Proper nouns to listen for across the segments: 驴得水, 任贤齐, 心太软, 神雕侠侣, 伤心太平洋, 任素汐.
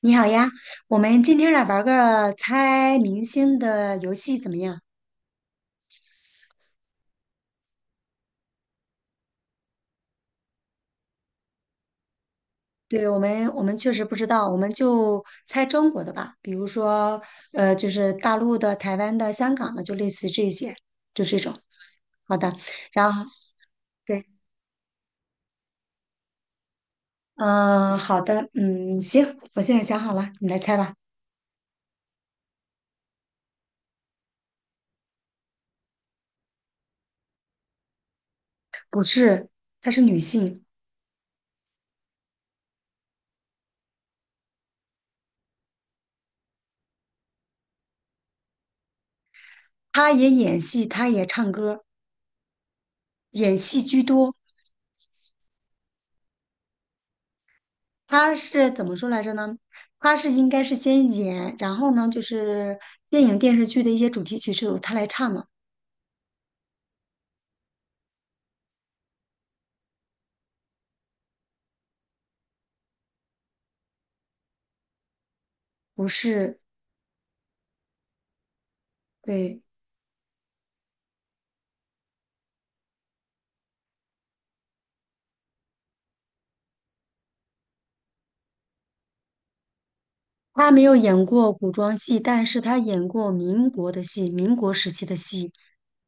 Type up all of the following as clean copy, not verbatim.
你好呀，我们今天来玩个猜明星的游戏怎么样？对，我们确实不知道，我们就猜中国的吧，比如说就是大陆的、台湾的、香港的，就类似这些，就这种。好的，然后对，嗯、好的，嗯，行，我现在想好了，你来猜吧。不是，她是女性，她也演戏，她也唱歌，演戏居多。他是怎么说来着呢？他是应该是先演，然后呢，就是电影电视剧的一些主题曲是由他来唱的，不是，对，他没有演过古装戏，但是他演过民国的戏，民国时期的戏，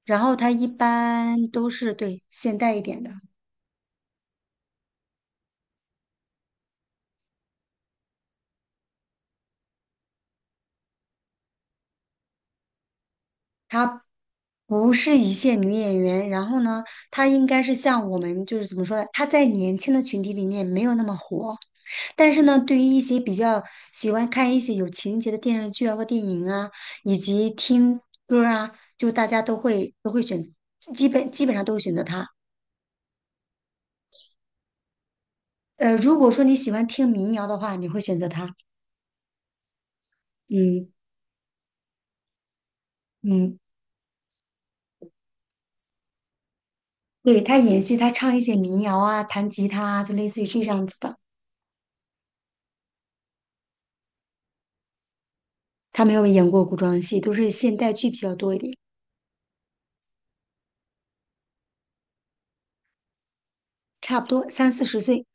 然后他一般都是对现代一点的，他不是一线女演员，然后呢，她应该是像我们就是怎么说呢？她在年轻的群体里面没有那么火，但是呢，对于一些比较喜欢看一些有情节的电视剧啊或电影啊，以及听歌儿啊，就大家都会选，基本上都会选择她。呃，如果说你喜欢听民谣的话，你会选择她。嗯嗯，对，她演戏，她唱一些民谣啊，弹吉他啊，就类似于这样子的。她没有演过古装戏，都是现代剧比较多一点。差不多三四十岁，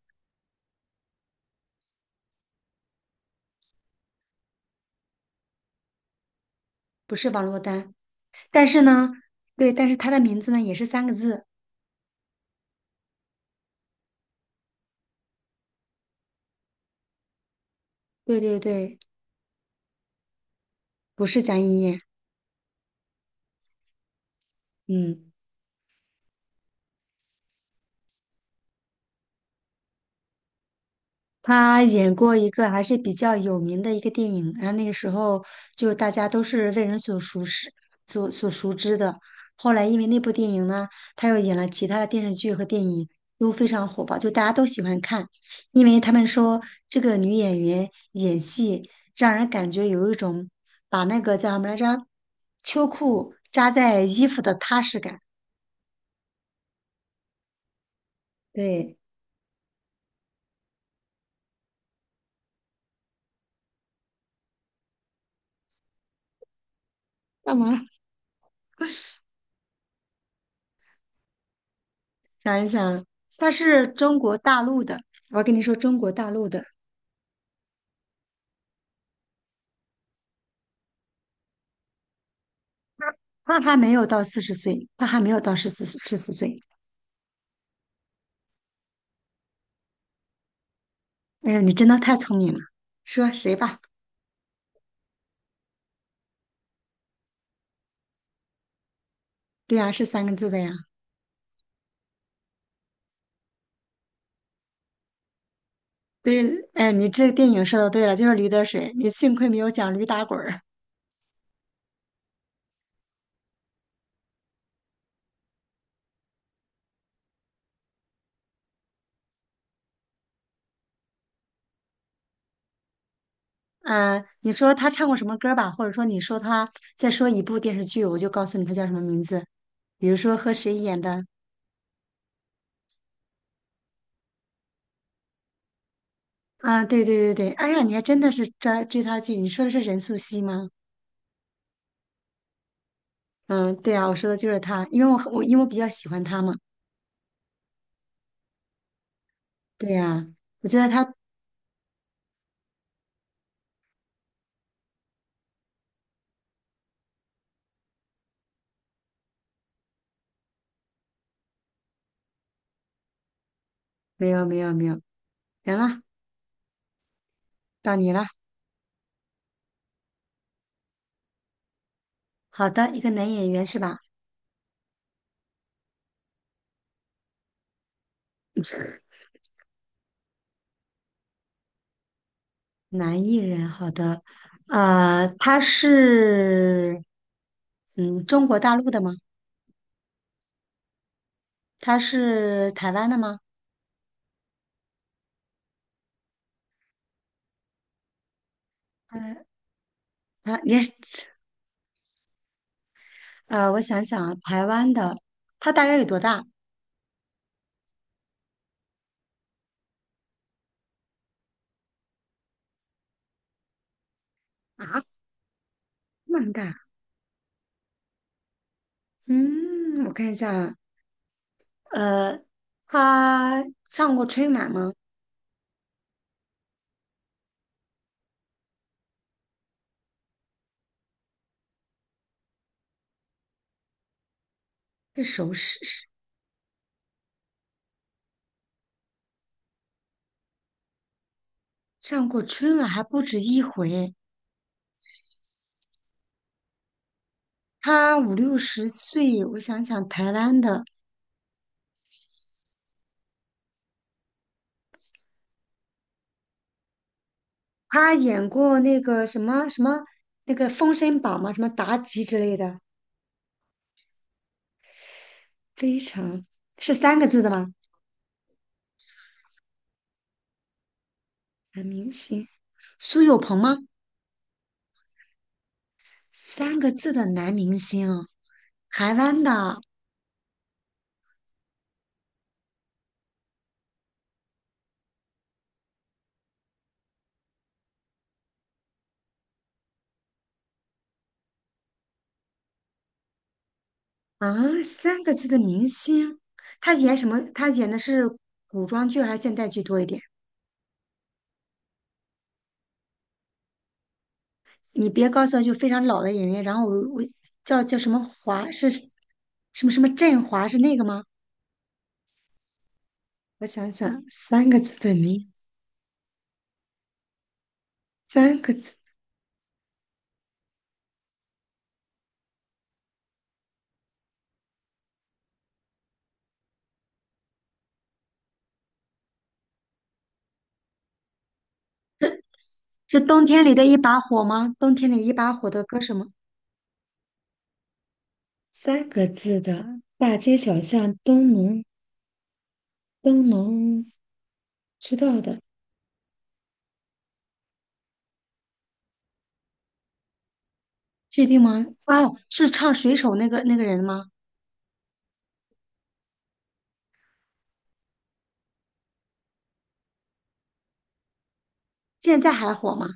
不是王珞丹。但是呢，对，但是她的名字呢也是三个字，对对对，不是江一燕，嗯。他演过一个还是比较有名的一个电影，然后那个时候就大家都是为人所熟识、所熟知的。后来因为那部电影呢，他又演了其他的电视剧和电影，都非常火爆，就大家都喜欢看，因为他们说这个女演员演戏让人感觉有一种把那个叫什么来着，秋裤扎在衣服的踏实感。对，干嘛？想一想，他是中国大陆的，我跟你说中国大陆的，他还没有到四十岁，他还没有到十四岁。哎呀，你真的太聪明了，说谁吧？对呀、是三个字的呀。对，哎，你这个电影说的对了，就是驴得水，你幸亏没有讲驴打滚儿。嗯、你说他唱过什么歌吧，或者说你说他再说一部电视剧，我就告诉你他叫什么名字。比如说和谁演的啊？对对对对，哎呀，你还真的是追他剧，你说的是任素汐吗？嗯，对啊，我说的就是他，因为我很我因为我比较喜欢他嘛。对呀，我觉得他没有没有没有，行了，到你了。好的，一个男演员是吧？男艺人，好的。呃，他是嗯中国大陆的吗？他是台湾的吗？呃也是，呃，我想想啊，台湾的，他大概有多大啊？那么大？嗯，我看一下啊，呃，他上过春晚吗？是首饰。上过春晚还不止一回，他五六十岁，我想想台湾的，他演过那个什么什么那个《封神榜》嘛，什么妲己之类的，非常是三个字的吗？男明星，苏有朋吗？三个字的男明星啊，台湾的啊，三个字的明星，他演什么？他演的是古装剧还是现代剧多一点？你别告诉我就非常老的演员，然后我叫什么华是什么什么振华是那个吗？我想想，三个字的名，三个字是冬天里的一把火吗？冬天里一把火的歌什么？三个字的大街小巷都能知道的，确定吗？哦，是唱水手那个那个人吗？现在还火吗？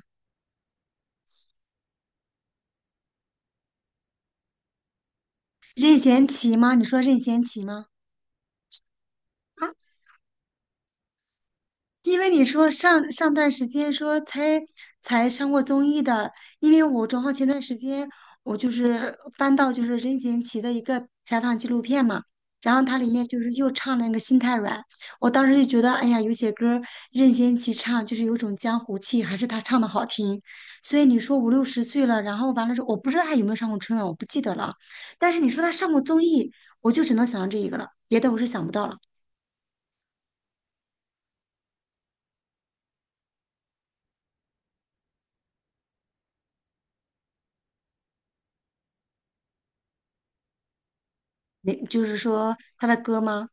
任贤齐吗？你说任贤齐吗？因为你说上上段时间说才上过综艺的，因为我正好前段时间我翻到就是任贤齐的一个采访纪录片嘛，然后它里面就是又唱了那个《心太软》，我当时就觉得哎呀，有些歌儿任贤齐唱就是有种江湖气，还是他唱的好听。所以你说五六十岁了，然后完了之后，我不知道他有没有上过春晚，我不记得了。但是你说他上过综艺，我就只能想到这一个了，别的我是想不到了。那就是说他的歌吗？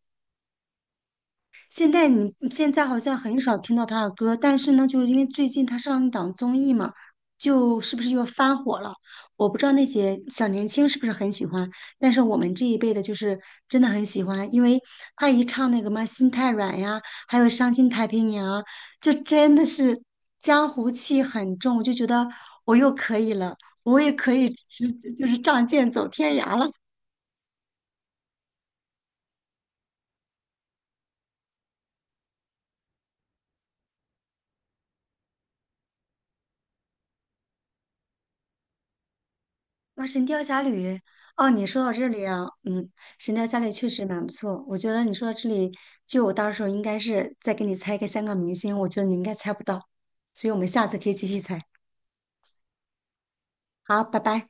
现在你现在好像很少听到他的歌，但是呢，就是因为最近他上一档综艺嘛，就是不是又翻火了？我不知道那些小年轻是不是很喜欢，但是我们这一辈的，就是真的很喜欢，因为他一唱那个嘛《心太软》呀，还有《伤心太平洋》，就真的是江湖气很重，我就觉得我又可以了，我也可以直，就是仗剑走天涯了。哇，哦《神雕侠侣》哦，你说到这里啊，嗯，《神雕侠侣》确实蛮不错。我觉得你说到这里，就我到时候应该是再给你猜一个香港明星，我觉得你应该猜不到，所以我们下次可以继续猜。好，拜拜。